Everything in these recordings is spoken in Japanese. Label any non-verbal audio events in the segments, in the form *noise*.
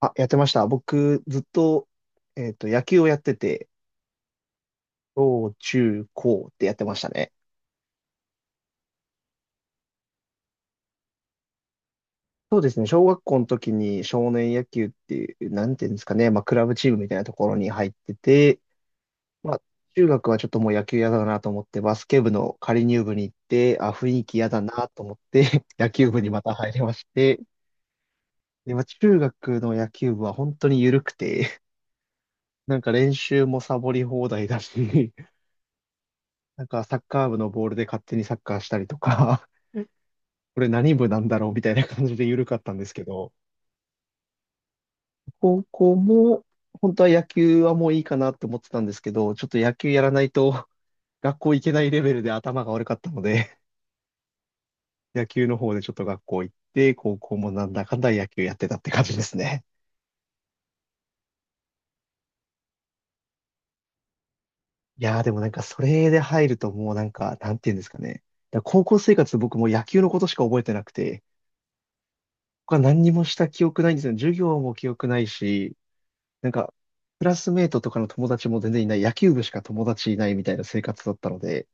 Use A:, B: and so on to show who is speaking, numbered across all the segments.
A: あ、やってました。僕、ずっと、野球をやってて、小中高ってやってましたね。そうですね。小学校の時に少年野球っていう、なんていうんですかね。まあ、クラブチームみたいなところに入ってて、まあ、中学はちょっともう野球嫌だなと思って、バスケ部の仮入部に行って、あ、雰囲気嫌だなと思って、*laughs* 野球部にまた入りまして、で、まあ、中学の野球部は本当に緩くて、なんか練習もサボり放題だし、なんかサッカー部のボールで勝手にサッカーしたりとか、*laughs* これ何部なんだろうみたいな感じで緩かったんですけど、高校も本当は野球はもういいかなって思ってたんですけど、ちょっと野球やらないと *laughs* 学校行けないレベルで頭が悪かったので、*laughs* 野球の方でちょっと学校行って、高校もなんだかんだ野球やってたって感じですね。いやーでもなんかそれで入るともうなんか、なんていうんですかね。だから高校生活僕もう野球のことしか覚えてなくて、他何にもした記憶ないんですよ。授業も記憶ないし、なんか、クラスメイトとかの友達も全然いない、野球部しか友達いないみたいな生活だったので、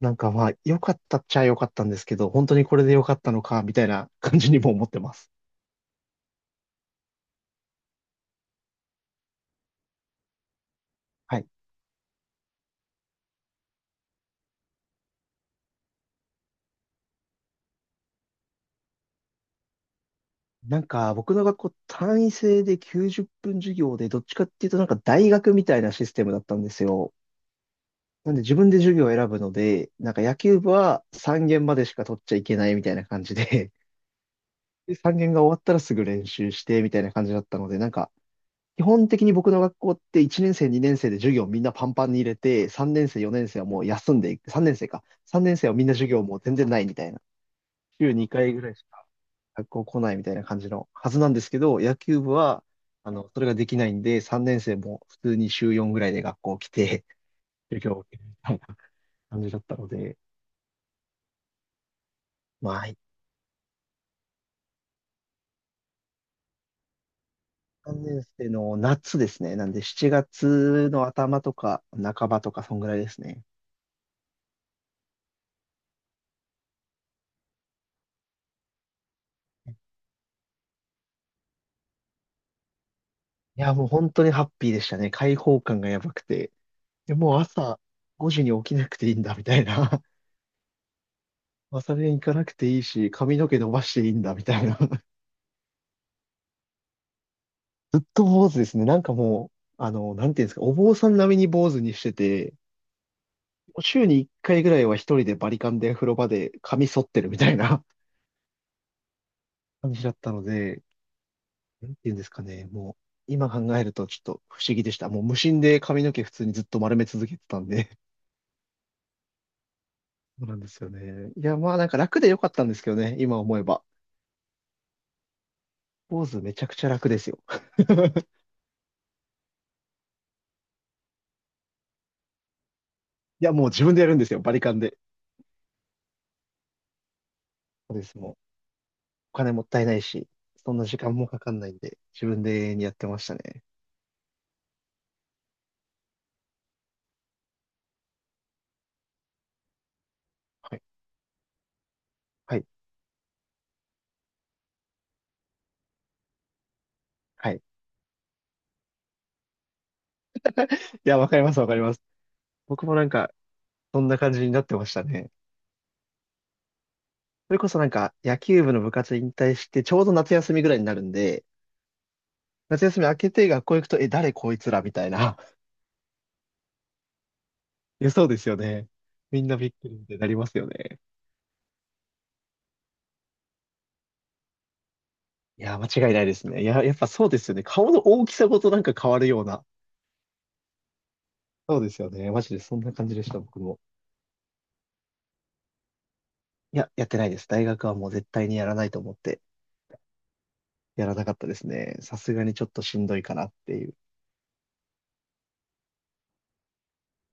A: なんかまあ、良かったっちゃ良かったんですけど、本当にこれで良かったのか、みたいな感じにも思ってます。はい。なんか、僕の学校単位制で90分授業で、どっちかっていうとなんか大学みたいなシステムだったんですよ。なんで自分で授業を選ぶので、なんか野球部は3限までしか取っちゃいけないみたいな感じで、で、3限が終わったらすぐ練習してみたいな感じだったので、なんか基本的に僕の学校って1年生、2年生で授業みんなパンパンに入れて、3年生、4年生はもう休んでいく、3年生か。3年生はみんな授業もう全然ないみたいな。週2回ぐらいしか学校来ないみたいな感じのはずなんですけど、野球部は、それができないんで、3年生も普通に週4ぐらいで学校来て、授業を受けるみたいな感じだったので、まあ、3年生の夏ですね。なんで7月の頭とか半ばとか、そんぐらいですね。いや、もう本当にハッピーでしたね。開放感がやばくて。でもう朝5時に起きなくていいんだ、みたいな。*laughs* 朝練行かなくていいし、髪の毛伸ばしていいんだ、みたいな。*laughs* ずっと坊主ですね。なんかもう、なんていうんですか、お坊さん並みに坊主にしてて、週に1回ぐらいは一人でバリカンで風呂場で髪剃ってるみたいな *laughs* 感じだったので、なんていうんですかね、もう、今考えるとちょっと不思議でした。もう無心で髪の毛普通にずっと丸め続けてたんでそうなんですよね。いや、まあなんか楽で良かったんですけどね、今思えば。ポーズめちゃくちゃ楽ですよ。*laughs* いや、もう自分でやるんですよ、バリカンで。そうです、もう。お金もったいないし、そんな時間もかかんないんで、自分でやってましたね。はい。はい。はい。いや、わかります、わかります。僕もなんか、そんな感じになってましたね。それこそなんか、野球部の部活引退して、ちょうど夏休みぐらいになるんで、夏休み明けて学校行くと、え、誰こいつらみたいな。*laughs* いや、そうですよね。みんなびっくりってなりますよね。いや、間違いないですね。いや、やっぱそうですよね。顔の大きさごとなんか変わるような。そうですよね。マジでそんな感じでした、僕も。いや、やってないです。大学はもう絶対にやらないと思って、やらなかったですね。さすがにちょっとしんどいかなっていう。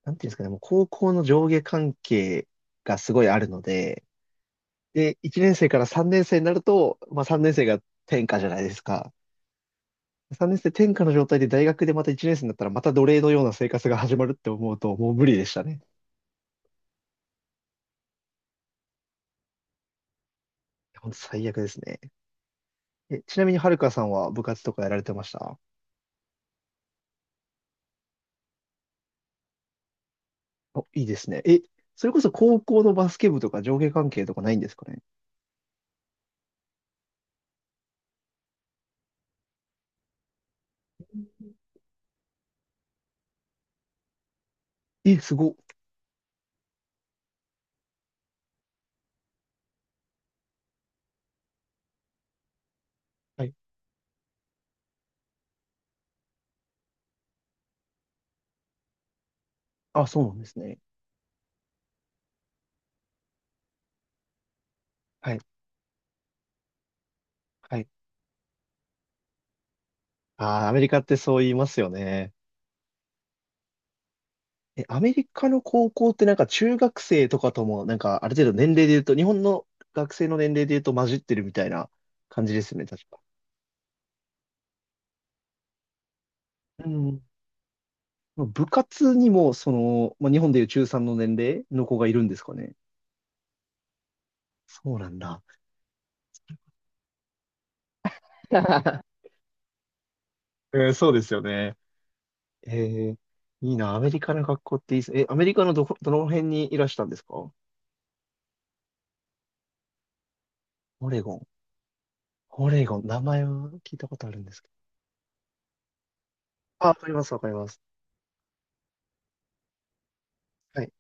A: なんていうんですかね、もう高校の上下関係がすごいあるので、で、1年生から3年生になると、まあ3年生が転科じゃないですか。3年生転科の状態で大学でまた1年生になったらまた奴隷のような生活が始まるって思うと、もう無理でしたね。本当最悪ですね。え、ちなみにはるかさんは部活とかやられてましたお、いいですね。え、それこそ高校のバスケ部とか上下関係とかないんですかね？え、すごっ。はい。あ、そうなんですね。はい。はい。あー、アメリカってそう言いますよね。え、アメリカの高校ってなんか中学生とかともなんかある程度年齢で言うと、日本の学生の年齢で言うと混じってるみたいな感じですよね、確か。うん。部活にも、その、まあ、日本でいう中3の年齢の子がいるんですかね。そうなんだ。*laughs* うん、そうですよね。ええ、いいな。アメリカの学校っていいです。え、アメリカのどこ、どの辺にいらしたんですか？オレゴン。オレゴン。名前は聞いたことあるんですけど。あ、わかります、わかります。はい。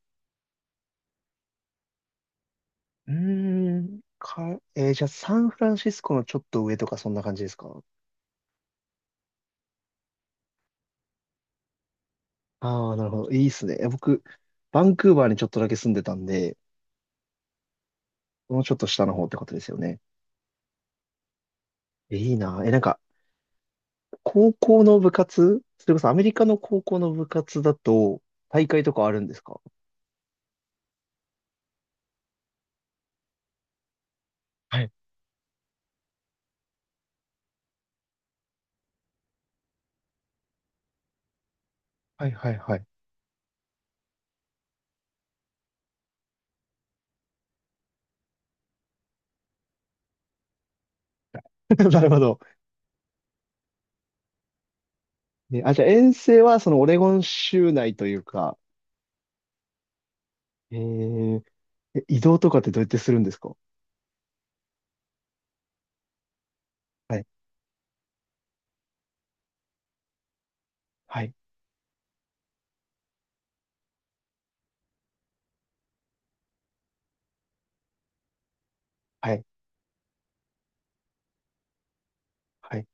A: うーん。か、えー、じゃあ、サンフランシスコのちょっと上とか、そんな感じですか？ああー、なるほど。いいっすね。え、僕、バンクーバーにちょっとだけ住んでたんで、もうちょっと下の方ってことですよね。え、いいな。え、なんか、高校の部活それこそアメリカの高校の部活だと、大会とかあるんですか？はい、はい、はい、はい。*laughs* なるほど。ね、あ、じゃあ遠征はそのオレゴン州内というか、えー、え移動とかってどうやってするんですか？はい、はい、はい、はい。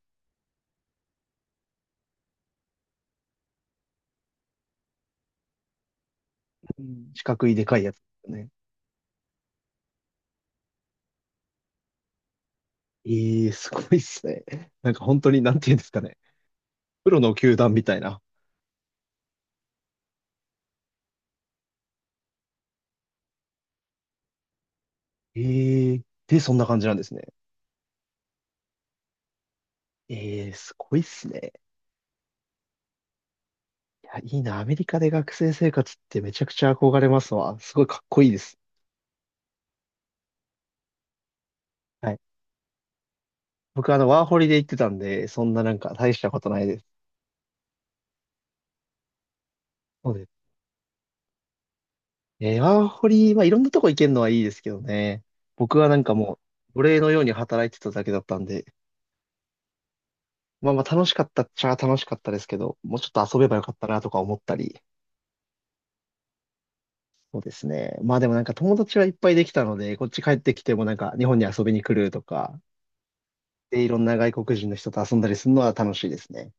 A: うん。四角いでかいやつですね。ええ、すごいっすね。なんか本当に、なんていうんですかね。プロの球団みたいな。ええ、で、そんな感じなんですね。ええ、すごいっすね。いや、いいな。アメリカで学生生活ってめちゃくちゃ憧れますわ。すごいかっこいいです。はい。僕、ワーホリで行ってたんで、そんななんか大したことないです。そうです。ワーホリ、まあ、いろんなとこ行けるのはいいですけどね。僕はなんかもう、奴隷のように働いてただけだったんで、まあまあ楽しかったっちゃ楽しかったですけど、もうちょっと遊べばよかったなとか思ったり、そうですね。まあでもなんか友達はいっぱいできたので、こっち帰ってきてもなんか日本に遊びに来るとか、で、いろんな外国人の人と遊んだりするのは楽しいですね。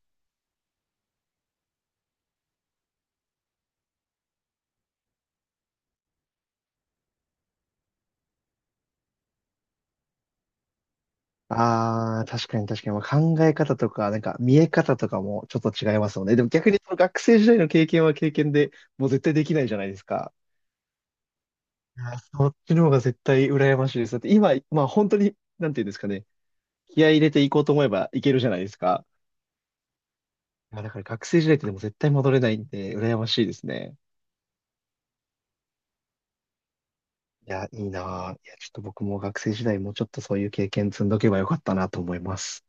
A: ああ、確かに確かに、まあ、考え方とか、なんか見え方とかもちょっと違いますよね。でも逆にその学生時代の経験は経験で、もう絶対できないじゃないですか。いや、そっちの方が絶対羨ましいです。だって今、まあ本当に、なんていうんですかね、気合い入れていこうと思えばいけるじゃないですか。いや、だから学生時代ってでも絶対戻れないんで、羨ましいですね。いや、いいなぁ。いや、ちょっと僕も学生時代もうちょっとそういう経験積んどけばよかったなと思います。